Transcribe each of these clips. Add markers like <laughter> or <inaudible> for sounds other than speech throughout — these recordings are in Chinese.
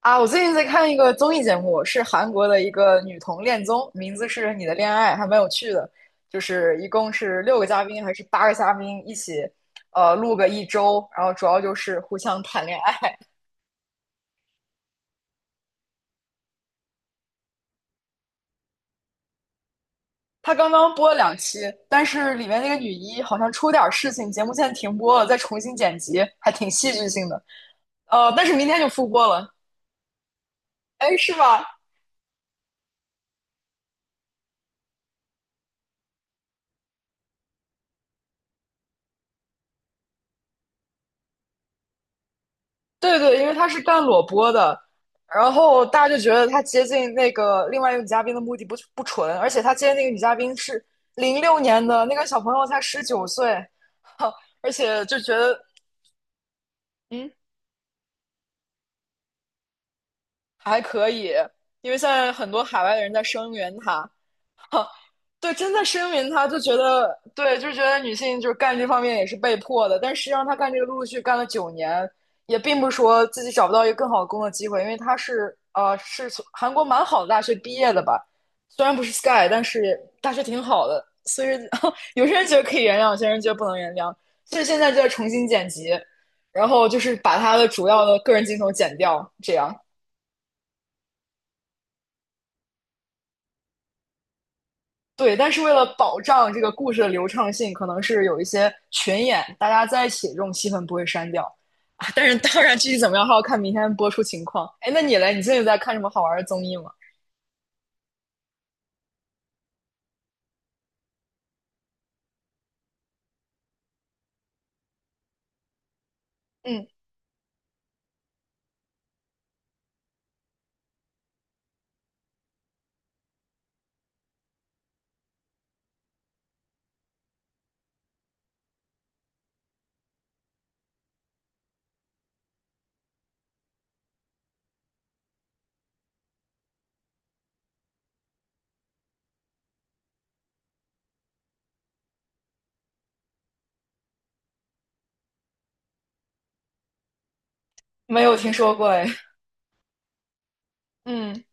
啊，我最近在看一个综艺节目，是韩国的一个女同恋综，名字是《你的恋爱》，还蛮有趣的。就是一共是六个嘉宾还是八个嘉宾一起，录个一周，然后主要就是互相谈恋爱。<laughs> 他刚刚播了两期，但是里面那个女一好像出点儿事情，节目现在停播了，再重新剪辑，还挺戏剧性的。但是明天就复播了。哎，是吧？对对，因为他是干裸播的，然后大家就觉得他接近那个另外一个女嘉宾的目的不纯，而且他接近那个女嘉宾是06年的，那个小朋友才19岁，<laughs> 哈，而且就觉得嗯还可以，因为现在很多海外的人在声援他，对，真的声明他就觉得，对，就觉得女性就是干这方面也是被迫的，但实际上他干这个陆陆续续干了9年，也并不是说自己找不到一个更好的工作机会，因为他是从韩国蛮好的大学毕业的吧，虽然不是 Sky,但是大学挺好的，所以 <laughs> 有些人觉得可以原谅，有些人觉得不能原谅，所以现在就在重新剪辑，然后就是把他的主要的个人镜头剪掉，这样。对，但是为了保障这个故事的流畅性，可能是有一些群演，大家在一起这种戏份不会删掉啊。但是当然，具体怎么样还要看明天播出情况。哎，那你嘞？你最近在看什么好玩的综艺吗？嗯，没有听说过哎。嗯。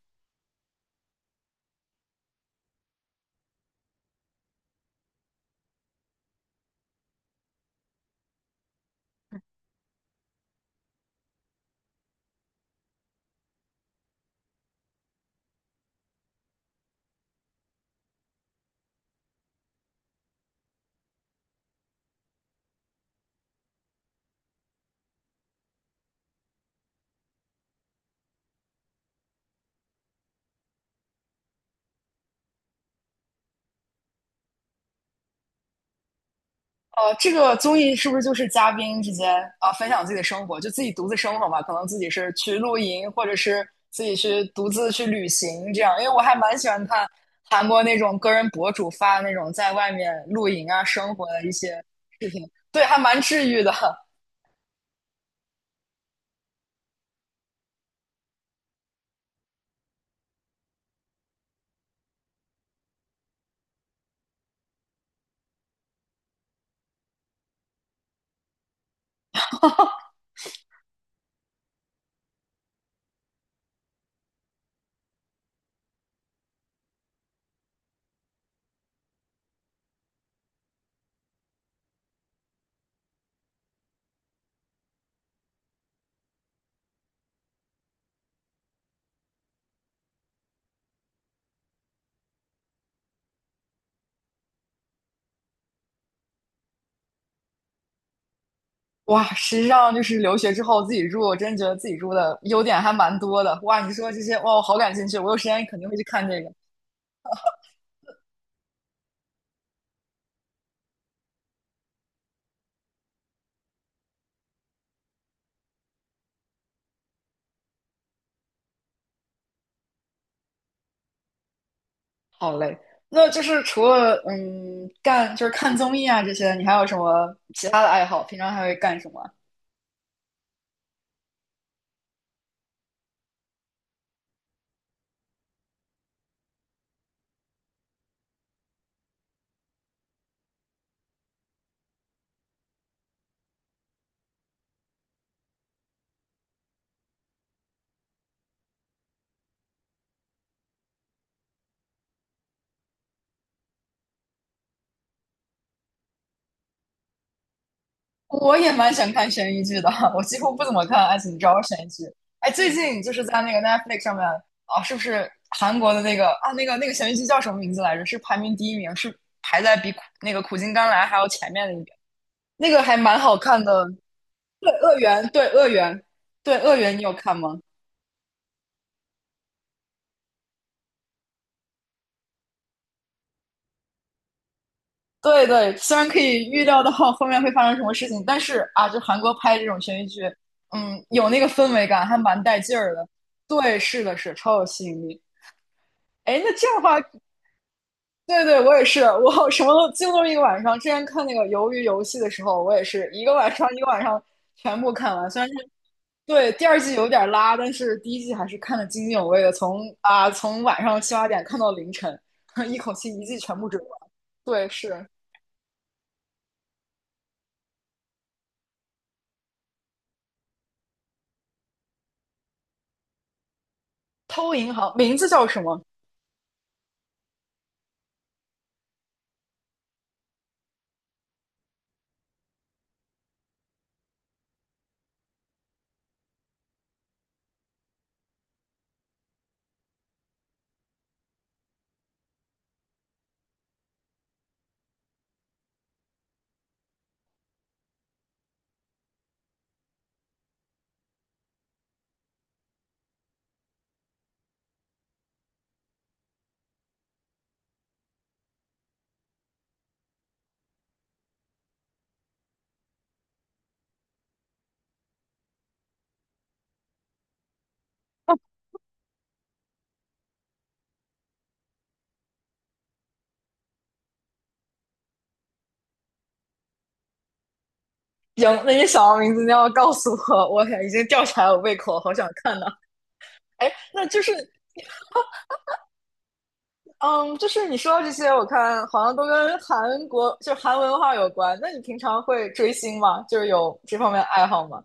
这个综艺是不是就是嘉宾之间啊、分享自己的生活，就自己独自生活嘛？可能自己是去露营，或者是自己去独自去旅行这样。因为我还蛮喜欢看韩国那种个人博主发那种在外面露营啊、生活的一些视频，对，还蛮治愈的。哇，实际上就是留学之后自己住，我真觉得自己住的优点还蛮多的。哇，你说这些，哇，我好感兴趣，我有时间肯定会去看这个。好嘞，那就是除了就是看综艺啊这些，你还有什么其他的爱好？平常还会干什么？我也蛮想看悬疑剧的，<laughs> 我几乎不怎么看爱情招悬疑剧。哎，最近就是在那个 Netflix 上面啊，是不是韩国的那个悬疑剧叫什么名字来着？是排名第一名，是排在比那个《苦尽甘来》还要前面的一名。那个还蛮好看的，对《恶缘》，对《恶缘》，对《恶缘》，你有看吗？对对，虽然可以预料到后面会发生什么事情，但是啊，就韩国拍这种悬疑剧，有那个氛围感，还蛮带劲儿的。对，是的是，超有吸引力。哎，那这样的话，对对，我也是，我什么都几乎都是一个晚上。之前看那个《鱿鱼游戏》的时候，我也是一个晚上一个晚上全部看完。虽然是对第二季有点拉，但是第一季还是看得津津有味的，从晚上七八点看到凌晨，<laughs> 一口气一季全部追完。对，是《偷银行》，名字叫什么？行，那你想到名字，你要告诉我，我已经吊起来我胃口，好想看呢。哎，那就是，嗯，就是你说到这些，我看好像都跟韩国，就韩文化有关。那你平常会追星吗？就是有这方面的爱好吗？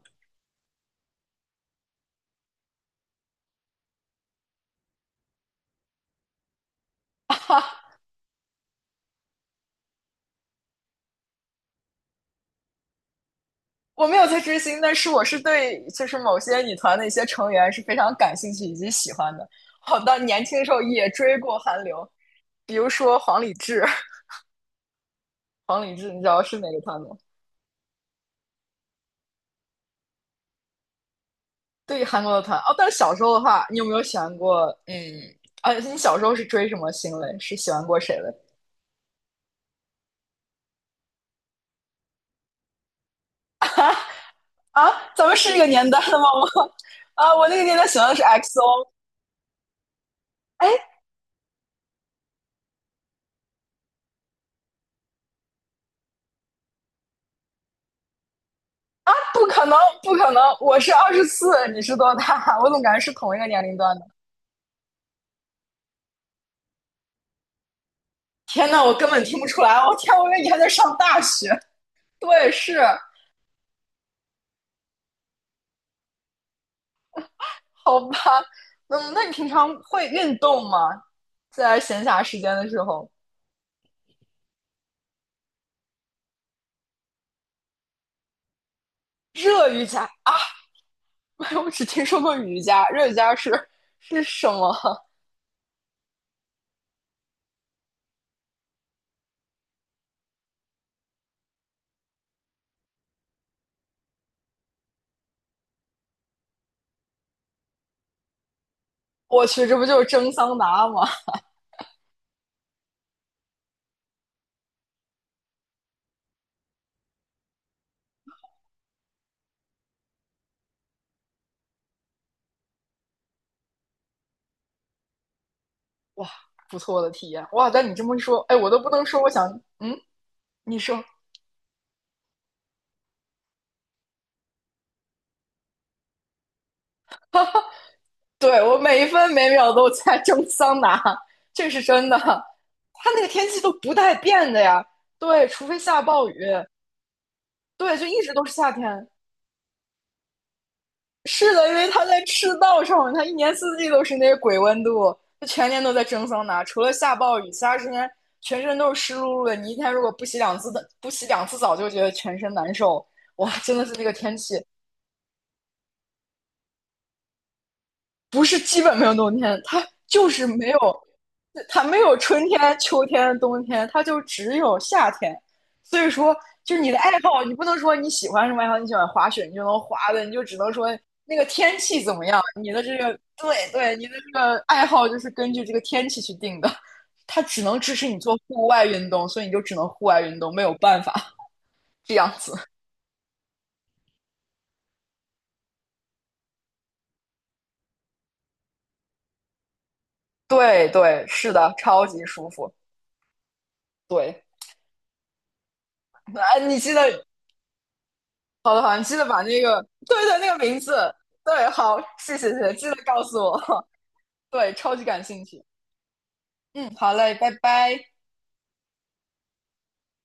我没有在追星，但是我是对，就是某些女团的一些成员是非常感兴趣以及喜欢的。好的，年轻的时候也追过韩流，比如说黄礼志，黄礼志，你知道是哪个团吗？对韩国的团哦，但是小时候的话，你有没有喜欢过？嗯，啊，你小时候是追什么星嘞？是喜欢过谁嘞？啊，咱们是一个年代的吗？<laughs> 我那个年代喜欢的是 XO。哎，不可能，不可能！我是24，你是多大？<laughs> 我怎么感觉是同一个年龄段呢？天呐，我根本听不出来！我天，我以为你还在上大学。对，是，好吧。那你平常会运动吗？在闲暇时间的时候，热瑜伽，<laughs> 我只听说过瑜伽，热瑜伽是什么？<laughs> 我去，这不就是蒸桑拿吗？哇，不错的体验哇！但你这么一说，哎，我都不能说，我想，嗯，你说，对我每一分每秒都在蒸桑拿，这是真的。它那个天气都不带变的呀，对，除非下暴雨，对，就一直都是夏天。是的，因为它在赤道上，它一年四季都是那个鬼温度，它全年都在蒸桑拿，除了下暴雨，其他时间全身都是湿漉漉的。你一天如果不洗两次的，不洗两次澡，就觉得全身难受。哇，真的是那个天气，不是基本没有冬天，它就是没有，它没有春天、秋天、冬天，它就只有夏天。所以说，就是你的爱好，你不能说你喜欢什么爱好，你喜欢滑雪，你就能滑的，你就只能说那个天气怎么样，你的这个对对，你的这个爱好就是根据这个天气去定的，它只能支持你做户外运动，所以你就只能户外运动，没有办法 <laughs> 这样子。对对，是的，超级舒服。对，啊，你记得好的，好的，你记得把那个，对对，那个名字，对，好，谢谢谢谢，记得告诉我，<laughs> 对，超级感兴趣，嗯，好嘞，拜拜。